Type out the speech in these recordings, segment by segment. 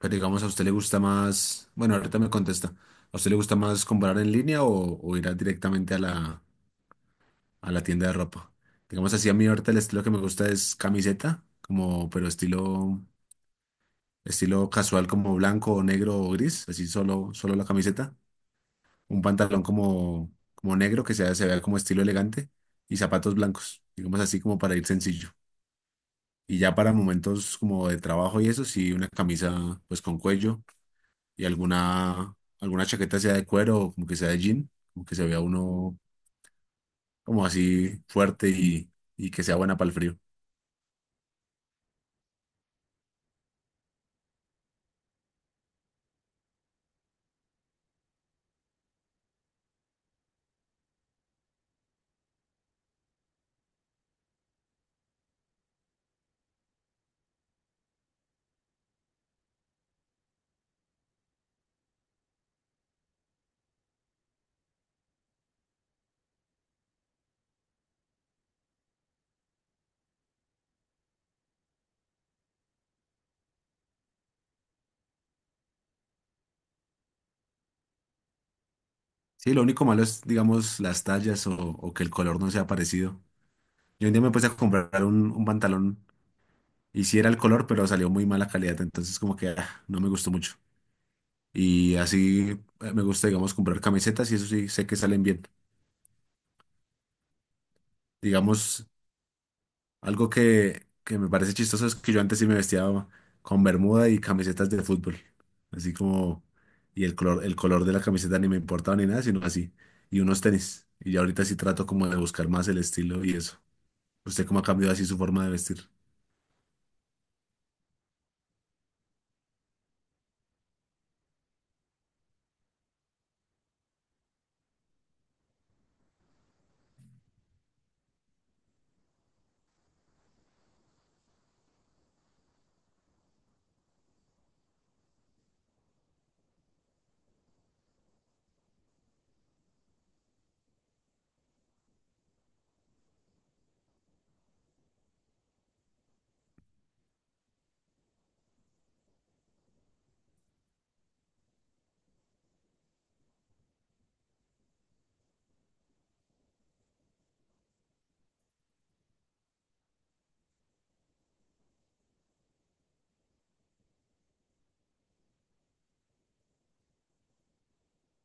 Pero digamos, ¿a usted le gusta más? Bueno, ahorita me contesta. ¿A usted le gusta más comprar en línea o directamente a la tienda de ropa? Digamos así, a mí ahorita el estilo que me gusta es camiseta, como, pero estilo casual, como blanco o negro o gris, así solo la camiseta. Un pantalón como negro que sea, se vea como estilo elegante y zapatos blancos, digamos así como para ir sencillo. Y ya para momentos como de trabajo y eso, sí, una camisa pues con cuello y alguna chaqueta sea de cuero o como que sea de jean, como que se vea uno como así fuerte y que sea buena para el frío. Sí, lo único malo es, digamos, las tallas o que el color no sea parecido. Yo un día me puse a comprar un pantalón y sí era el color, pero salió muy mala calidad, entonces como que ah, no me gustó mucho. Y así me gusta, digamos, comprar camisetas y eso sí sé que salen bien. Digamos, algo que me parece chistoso es que yo antes sí me vestía con bermuda y camisetas de fútbol. Así como, y el color de la camiseta ni me importaba ni nada, sino así. Y unos tenis. Y ya ahorita sí trato como de buscar más el estilo y eso. ¿Usted cómo ha cambiado así su forma de vestir?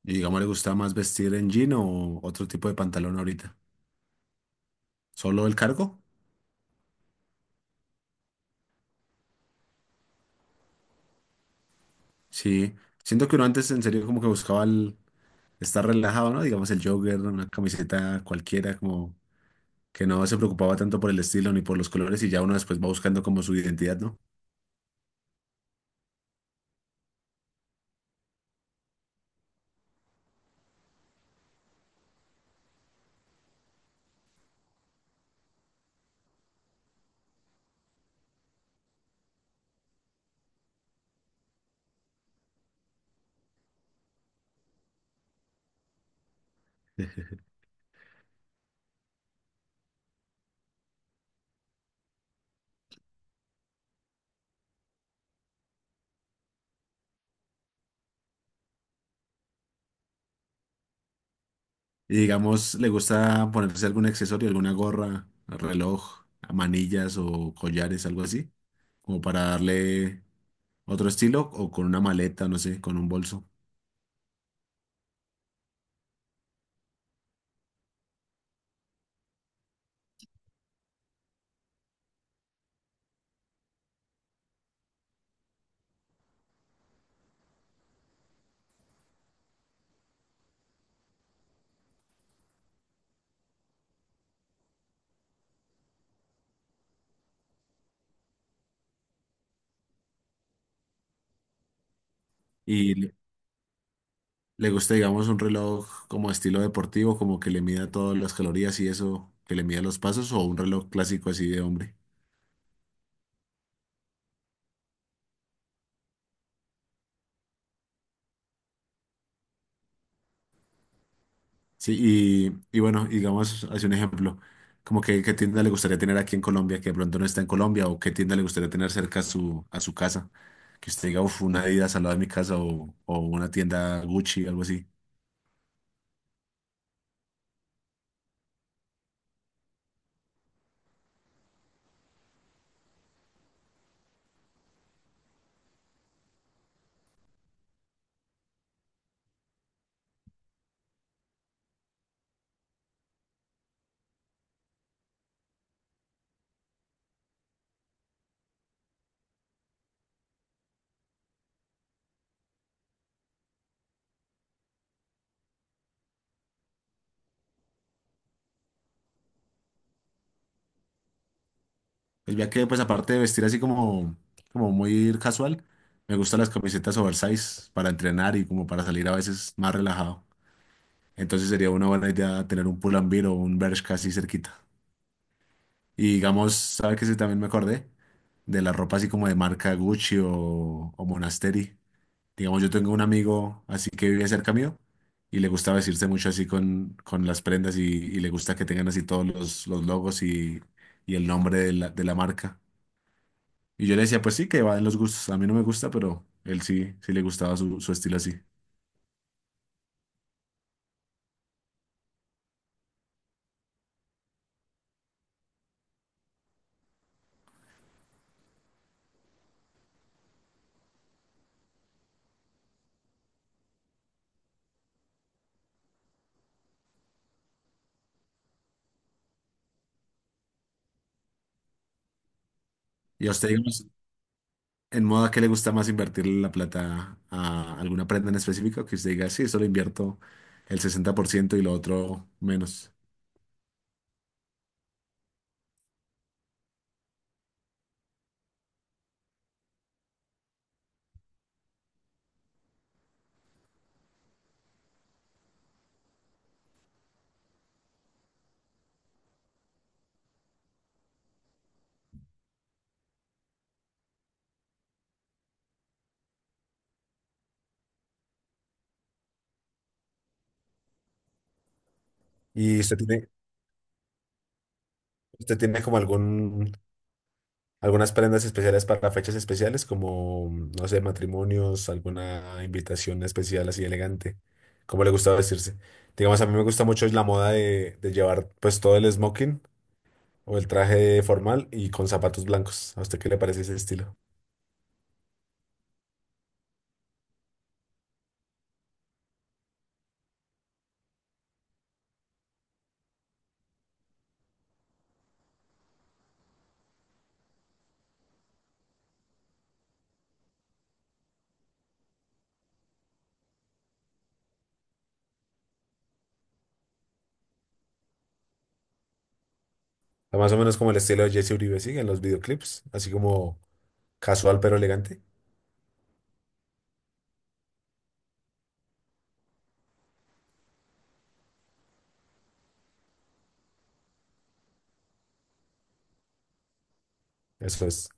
Y digamos, ¿le gusta más vestir en jean o otro tipo de pantalón ahorita? ¿Solo el cargo? Sí. Siento que uno antes en serio como que buscaba el estar relajado, ¿no? Digamos el jogger, una camiseta cualquiera, como que no se preocupaba tanto por el estilo ni por los colores y ya uno después va buscando como su identidad, ¿no? Y digamos, le gusta ponerse algún accesorio, alguna gorra, reloj, manillas o collares, algo así, como para darle otro estilo o con una maleta, no sé, con un bolso. Y le gusta, digamos, un reloj como estilo deportivo, como que le mida todas las calorías y eso, que le mida los pasos o un reloj clásico así de hombre. Sí, y bueno, y digamos, hace un ejemplo, como que qué tienda le gustaría tener aquí en Colombia, que de pronto no está en Colombia, o qué tienda le gustaría tener cerca a su casa, que usted diga, uff, una Adidas al lado de mi casa, o una tienda Gucci, algo así. Pues ya que, pues aparte de vestir así como, como muy casual, me gustan las camisetas oversize para entrenar y como para salir a veces más relajado. Entonces sería una buena idea tener un Pull&Bear o un Bershka así cerquita. Y digamos, ¿sabes qué? Sí, también me acordé de la ropa así como de marca Gucci o Monasteri. Digamos, yo tengo un amigo así que vive cerca mío y le gusta vestirse mucho así con las prendas y le gusta que tengan así todos los logos y el nombre de la marca. Y yo le decía, pues sí, que va en los gustos. A mí no me gusta, pero él sí, sí le gustaba su, su estilo así. Y a usted, digamos, en modo, ¿a qué le gusta más invertirle la plata a alguna prenda en específico? Que usted diga, sí, solo invierto el 60% y lo otro menos. ¿Y usted tiene como algún, algunas prendas especiales para fechas especiales, como, no sé, matrimonios, alguna invitación especial así elegante? ¿Cómo le gusta vestirse? Digamos, a mí me gusta mucho la moda de llevar pues todo el smoking o el traje formal y con zapatos blancos. ¿A usted qué le parece ese estilo? Sea, más o menos como el estilo de Jesse Uribe, ¿sí? En los videoclips, así como casual pero elegante. Eso es.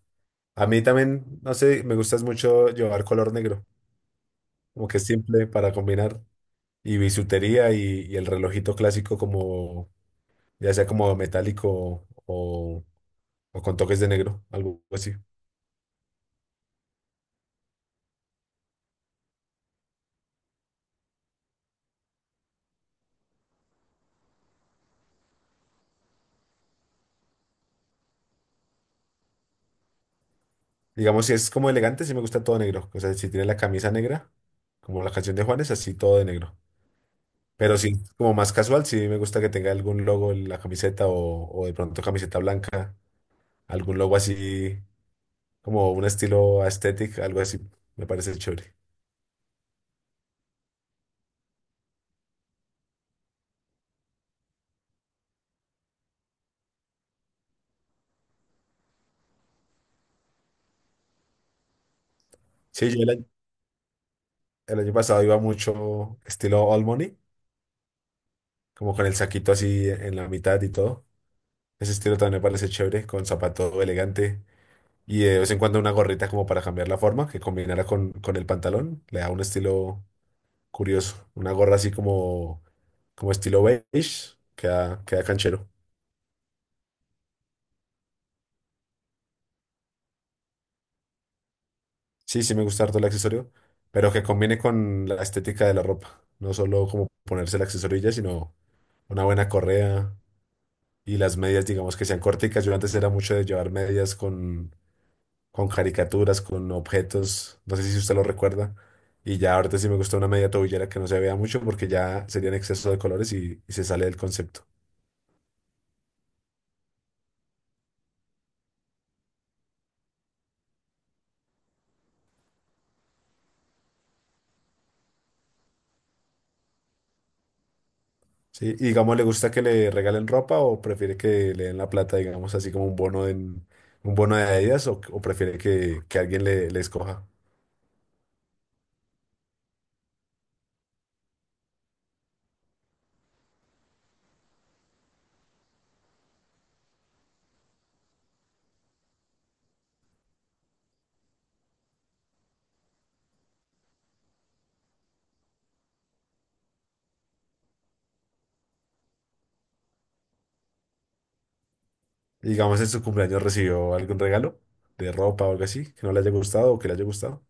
A mí también, no sé, me gusta mucho llevar color negro, como que es simple para combinar y bisutería y el relojito clásico como, ya sea como metálico o con toques de negro, algo así. Digamos, si es como elegante, sí me gusta todo negro. O sea, si tiene la camisa negra, como la canción de Juanes, así todo de negro. Pero sí, como más casual, sí me gusta que tenga algún logo en la camiseta o de pronto camiseta blanca. Algún logo así, como un estilo aesthetic, algo así, me parece chévere. Sí, yo el año pasado iba mucho estilo All Money, como con el saquito así en la mitad y todo. Ese estilo también me parece chévere, con zapato elegante y de vez en cuando una gorrita como para cambiar la forma, que combinara con el pantalón. Le da un estilo curioso. Una gorra así como, como estilo beige, queda, queda canchero. Sí, sí me gusta harto el accesorio, pero que combine con la estética de la ropa. No solo como ponerse el accesorio y ya, sino una buena correa y las medias, digamos, que sean corticas. Yo antes era mucho de llevar medias con caricaturas, con objetos. No sé si usted lo recuerda. Y ya ahorita sí me gusta una media tobillera que no se vea mucho porque ya sería en exceso de colores y se sale del concepto. Sí, y digamos, ¿le gusta que le regalen ropa o prefiere que le den la plata, digamos, así como un bono en un bono de Adidas o prefiere que alguien le escoja? Y digamos, en su cumpleaños recibió algún regalo de ropa o algo así, que no le haya gustado o que le haya gustado.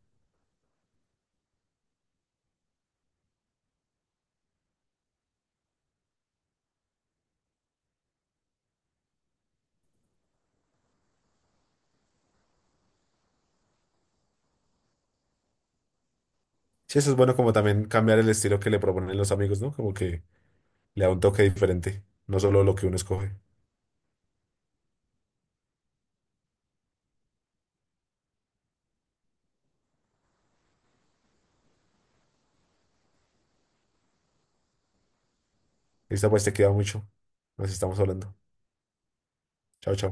Sí, eso es bueno como también cambiar el estilo que le proponen los amigos, ¿no? Como que le da un toque diferente, no solo lo que uno escoge. Esta pues te queda mucho. Nos estamos hablando. Chao, chao.